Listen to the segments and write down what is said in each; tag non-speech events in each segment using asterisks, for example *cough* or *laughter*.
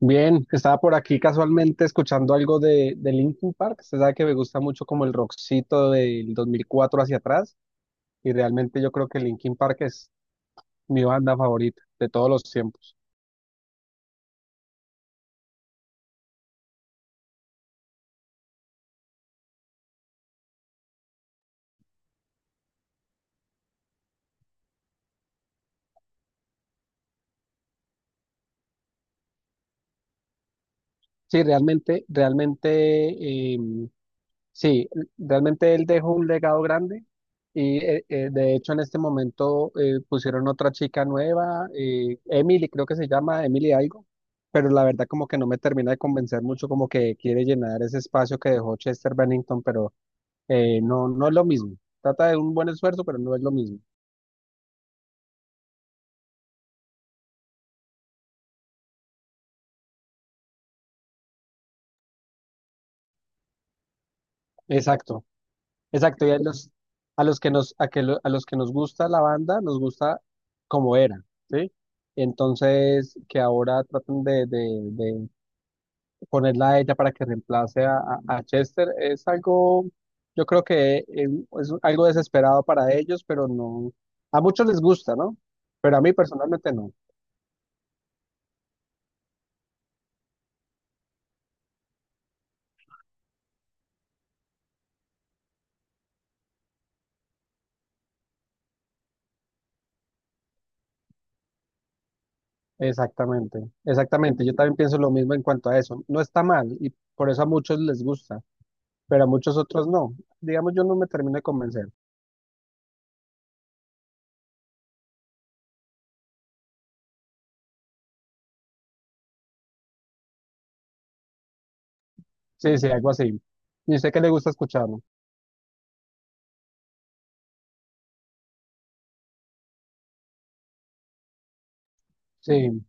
Bien, estaba por aquí casualmente escuchando algo de Linkin Park. Usted sabe que me gusta mucho como el rockcito del 2004 hacia atrás, y realmente yo creo que Linkin Park es mi banda favorita de todos los tiempos. Sí, realmente em, sí, realmente él dejó un legado grande. Y de hecho en este momento pusieron otra chica nueva, Emily creo que se llama, Emily algo, pero la verdad como que no me termina de convencer mucho, como que quiere llenar ese espacio que dejó Chester Bennington, pero no, no es lo mismo. Trata de un buen esfuerzo, pero no es lo mismo. Exacto, exacto. Y a los que nos, a que lo- a los que nos gusta la banda, nos gusta como era, ¿sí? Entonces, que ahora traten de ponerla a ella para que reemplace a Chester, yo creo que es algo desesperado para ellos, pero no, a muchos les gusta, ¿no? Pero a mí personalmente no. Exactamente, exactamente. Yo también pienso lo mismo en cuanto a eso. No está mal y por eso a muchos les gusta, pero a muchos otros no. Digamos, yo no me termino de convencer. Sí, sí, algo así. Y sé que le gusta escucharlo. Sí.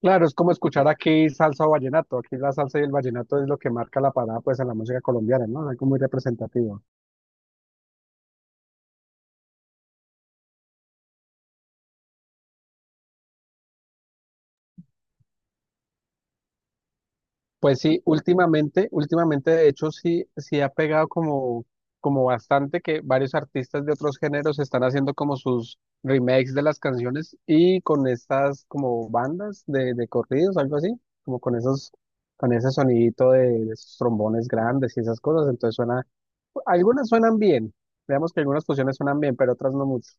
Claro, es como escuchar aquí salsa o vallenato. Aquí la salsa y el vallenato es lo que marca la parada, pues, en la música colombiana, ¿no? Algo muy representativo. Pues sí, últimamente, de hecho, sí, sí ha pegado como bastante que varios artistas de otros géneros están haciendo como sus remakes de las canciones, y con estas como bandas de corridos, algo así, como con esos, con ese sonidito de esos trombones grandes y esas cosas. Entonces algunas suenan bien. Veamos que algunas fusiones suenan bien, pero otras no mucho.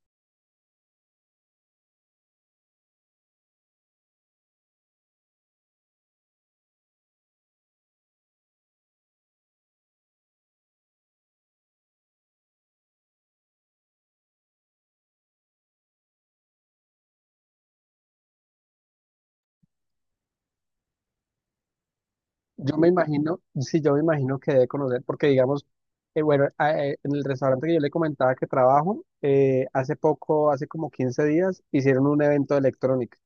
Sí, yo me imagino que debe conocer, porque digamos, en el restaurante que yo le comentaba que trabajo, hace poco, hace como 15 días, hicieron un evento de electrónica.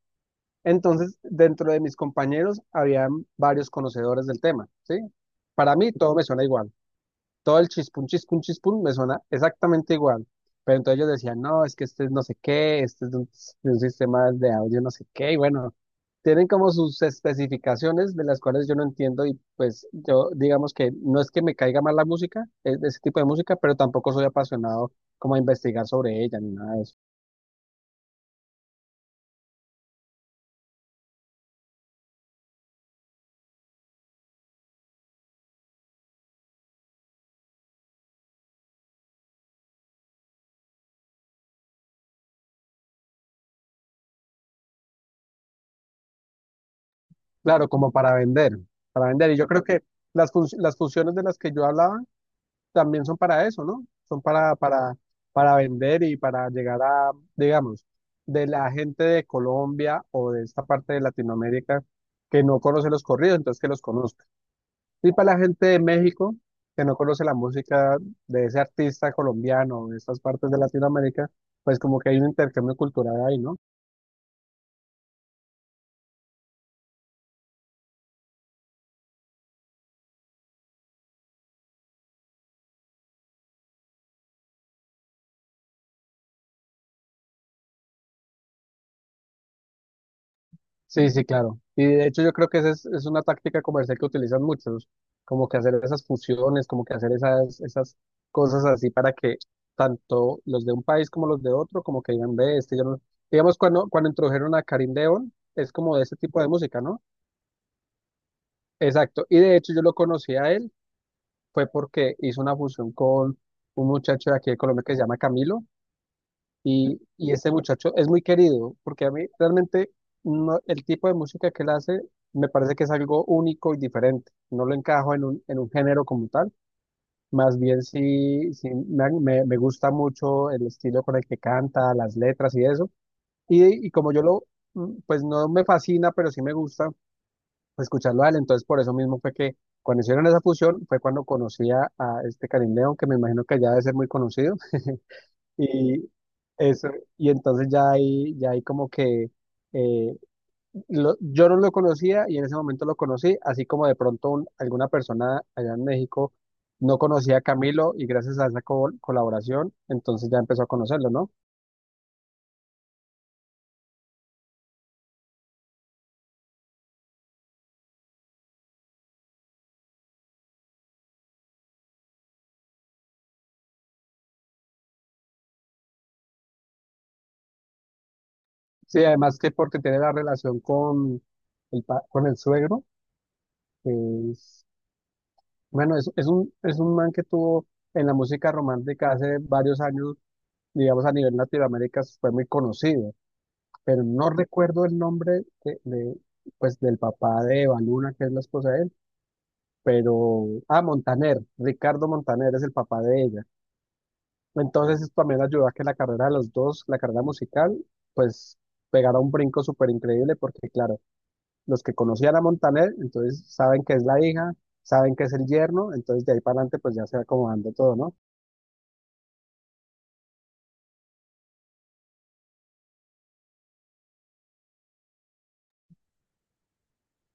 Entonces, dentro de mis compañeros, habían varios conocedores del tema, ¿sí? Para mí, todo me suena igual. Todo el chispún, chispún, chispún me suena exactamente igual. Pero entonces ellos decían: no, es que este es no sé qué, este es de un sistema de audio no sé qué, y bueno, tienen como sus especificaciones de las cuales yo no entiendo, y pues yo digamos que no es que me caiga mal la música, ese tipo de música, pero tampoco soy apasionado como a investigar sobre ella ni nada de eso. Claro, como para vender, para vender. Y yo creo que las fusiones de las que yo hablaba también son para eso, ¿no? Son para vender y para llegar a, digamos, de la gente de Colombia o de esta parte de Latinoamérica que no conoce los corridos, entonces que los conozca. Y para la gente de México que no conoce la música de ese artista colombiano de estas partes de Latinoamérica, pues como que hay un intercambio cultural ahí, ¿no? Sí, sí, claro. Y de hecho yo creo que esa es una táctica comercial que utilizan muchos, como que hacer esas fusiones, como que hacer esas cosas así, para que tanto los de un país como los de otro, como que digan, ve, este yo no... Digamos, cuando introdujeron a Karim Deón, es como de ese tipo de música, ¿no? Exacto. Y de hecho yo lo conocí a él, fue porque hizo una fusión con un muchacho de aquí de Colombia que se llama Camilo. Y este muchacho es muy querido, porque a mí realmente el tipo de música que él hace me parece que es algo único y diferente. No lo encajo en un género como tal. Más bien sí, me gusta mucho el estilo con el que canta, las letras y eso. Y como yo lo, pues no me fascina, pero sí me gusta escucharlo a él. Entonces por eso mismo fue que cuando hicieron esa fusión fue cuando conocía a este Karim León, que me imagino que ya debe ser muy conocido. *laughs* Y eso, y entonces ya ahí como que eh, yo no lo conocía, y en ese momento lo conocí, así como de pronto alguna persona allá en México no conocía a Camilo, y gracias a esa colaboración, entonces ya empezó a conocerlo, ¿no? Sí, además que porque tiene la relación con con el suegro, que es, bueno, es un man que tuvo en la música romántica hace varios años, digamos, a nivel Latinoamérica fue muy conocido. Pero no recuerdo el nombre pues, del papá de Eva Luna, que es la esposa de él. Pero, ah, Montaner, Ricardo Montaner es el papá de ella. Entonces eso también ayudó a que la carrera de los dos, la carrera musical, pues pegara un brinco súper increíble, porque claro, los que conocían a Montaner, entonces saben que es la hija, saben que es el yerno, entonces de ahí para adelante pues ya se va acomodando todo, ¿no?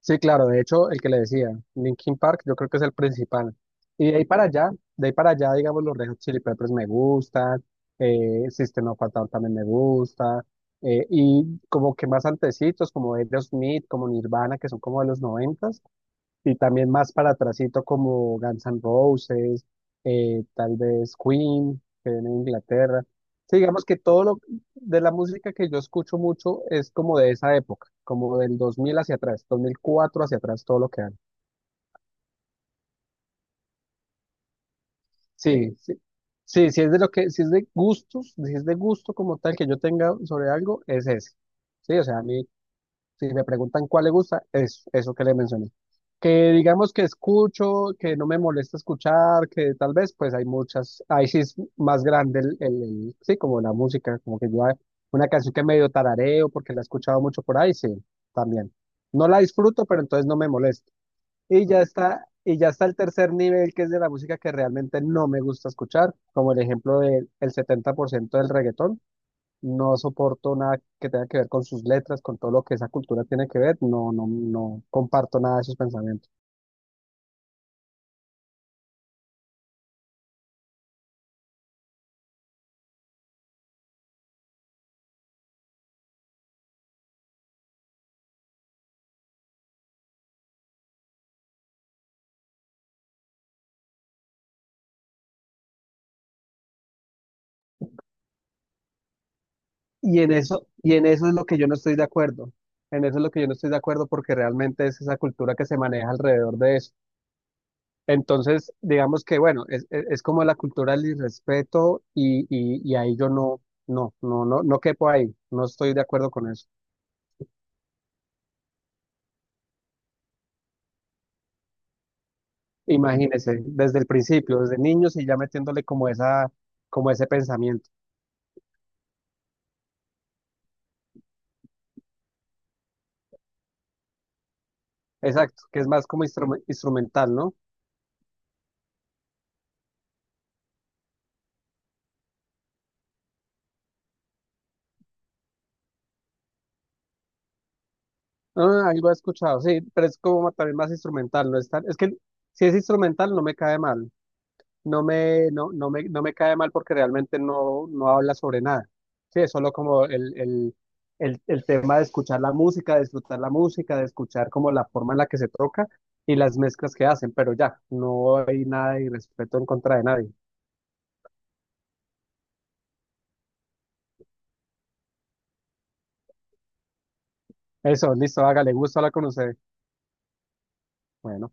Sí, claro, de hecho, el que le decía, Linkin Park, yo creo que es el principal. Y de ahí para allá, digamos, los Red Hot Chili Peppers me gustan, System of a Down también me gusta, y como que más antecitos, como Aerosmith, como Nirvana, que son como de los 90, y también más para atrasito como Guns N' Roses, tal vez Queen, que viene de Inglaterra. Sí, digamos que todo lo de la música que yo escucho mucho es como de esa época, como del 2000 hacia atrás, 2004 hacia atrás, todo lo que dan. Sí, sí, sí, si es de lo que, si es de gustos, si es de gusto como tal que yo tenga sobre algo, es ese. Sí, o sea, a mí si me preguntan cuál le gusta, es eso que le mencioné. Que digamos que escucho, que no me molesta escuchar, que tal vez pues hay muchas, ahí sí es más grande el, sí, como la música, como que yo una canción que medio tarareo porque la he escuchado mucho por ahí, sí, también. No la disfruto, pero entonces no me molesta. Y ya está, el tercer nivel, que es de la música que realmente no me gusta escuchar, como el ejemplo del el 70% del reggaetón. No soporto nada que tenga que ver con sus letras, con todo lo que esa cultura tiene que ver. No, no, no comparto nada de sus pensamientos. Y en eso es lo que yo no estoy de acuerdo. En eso es lo que yo no estoy de acuerdo, porque realmente es esa cultura que se maneja alrededor de eso. Entonces, digamos que, bueno, es como la cultura del irrespeto, y ahí yo no quepo ahí. No estoy de acuerdo con eso. Imagínese, desde el principio, desde niños, y ya metiéndole como ese pensamiento. Exacto, que es más como instrumental, ¿no? Ah, algo he escuchado, sí, pero es como también más instrumental. No es es que si es instrumental no me cae mal, no me cae mal, porque realmente no, no habla sobre nada. Sí, es solo como el tema de escuchar la música, de disfrutar la música, de escuchar como la forma en la que se toca y las mezclas que hacen, pero ya, no hay nada de respeto en contra de nadie. Eso, listo, hágale, gusto hablar con usted. Bueno.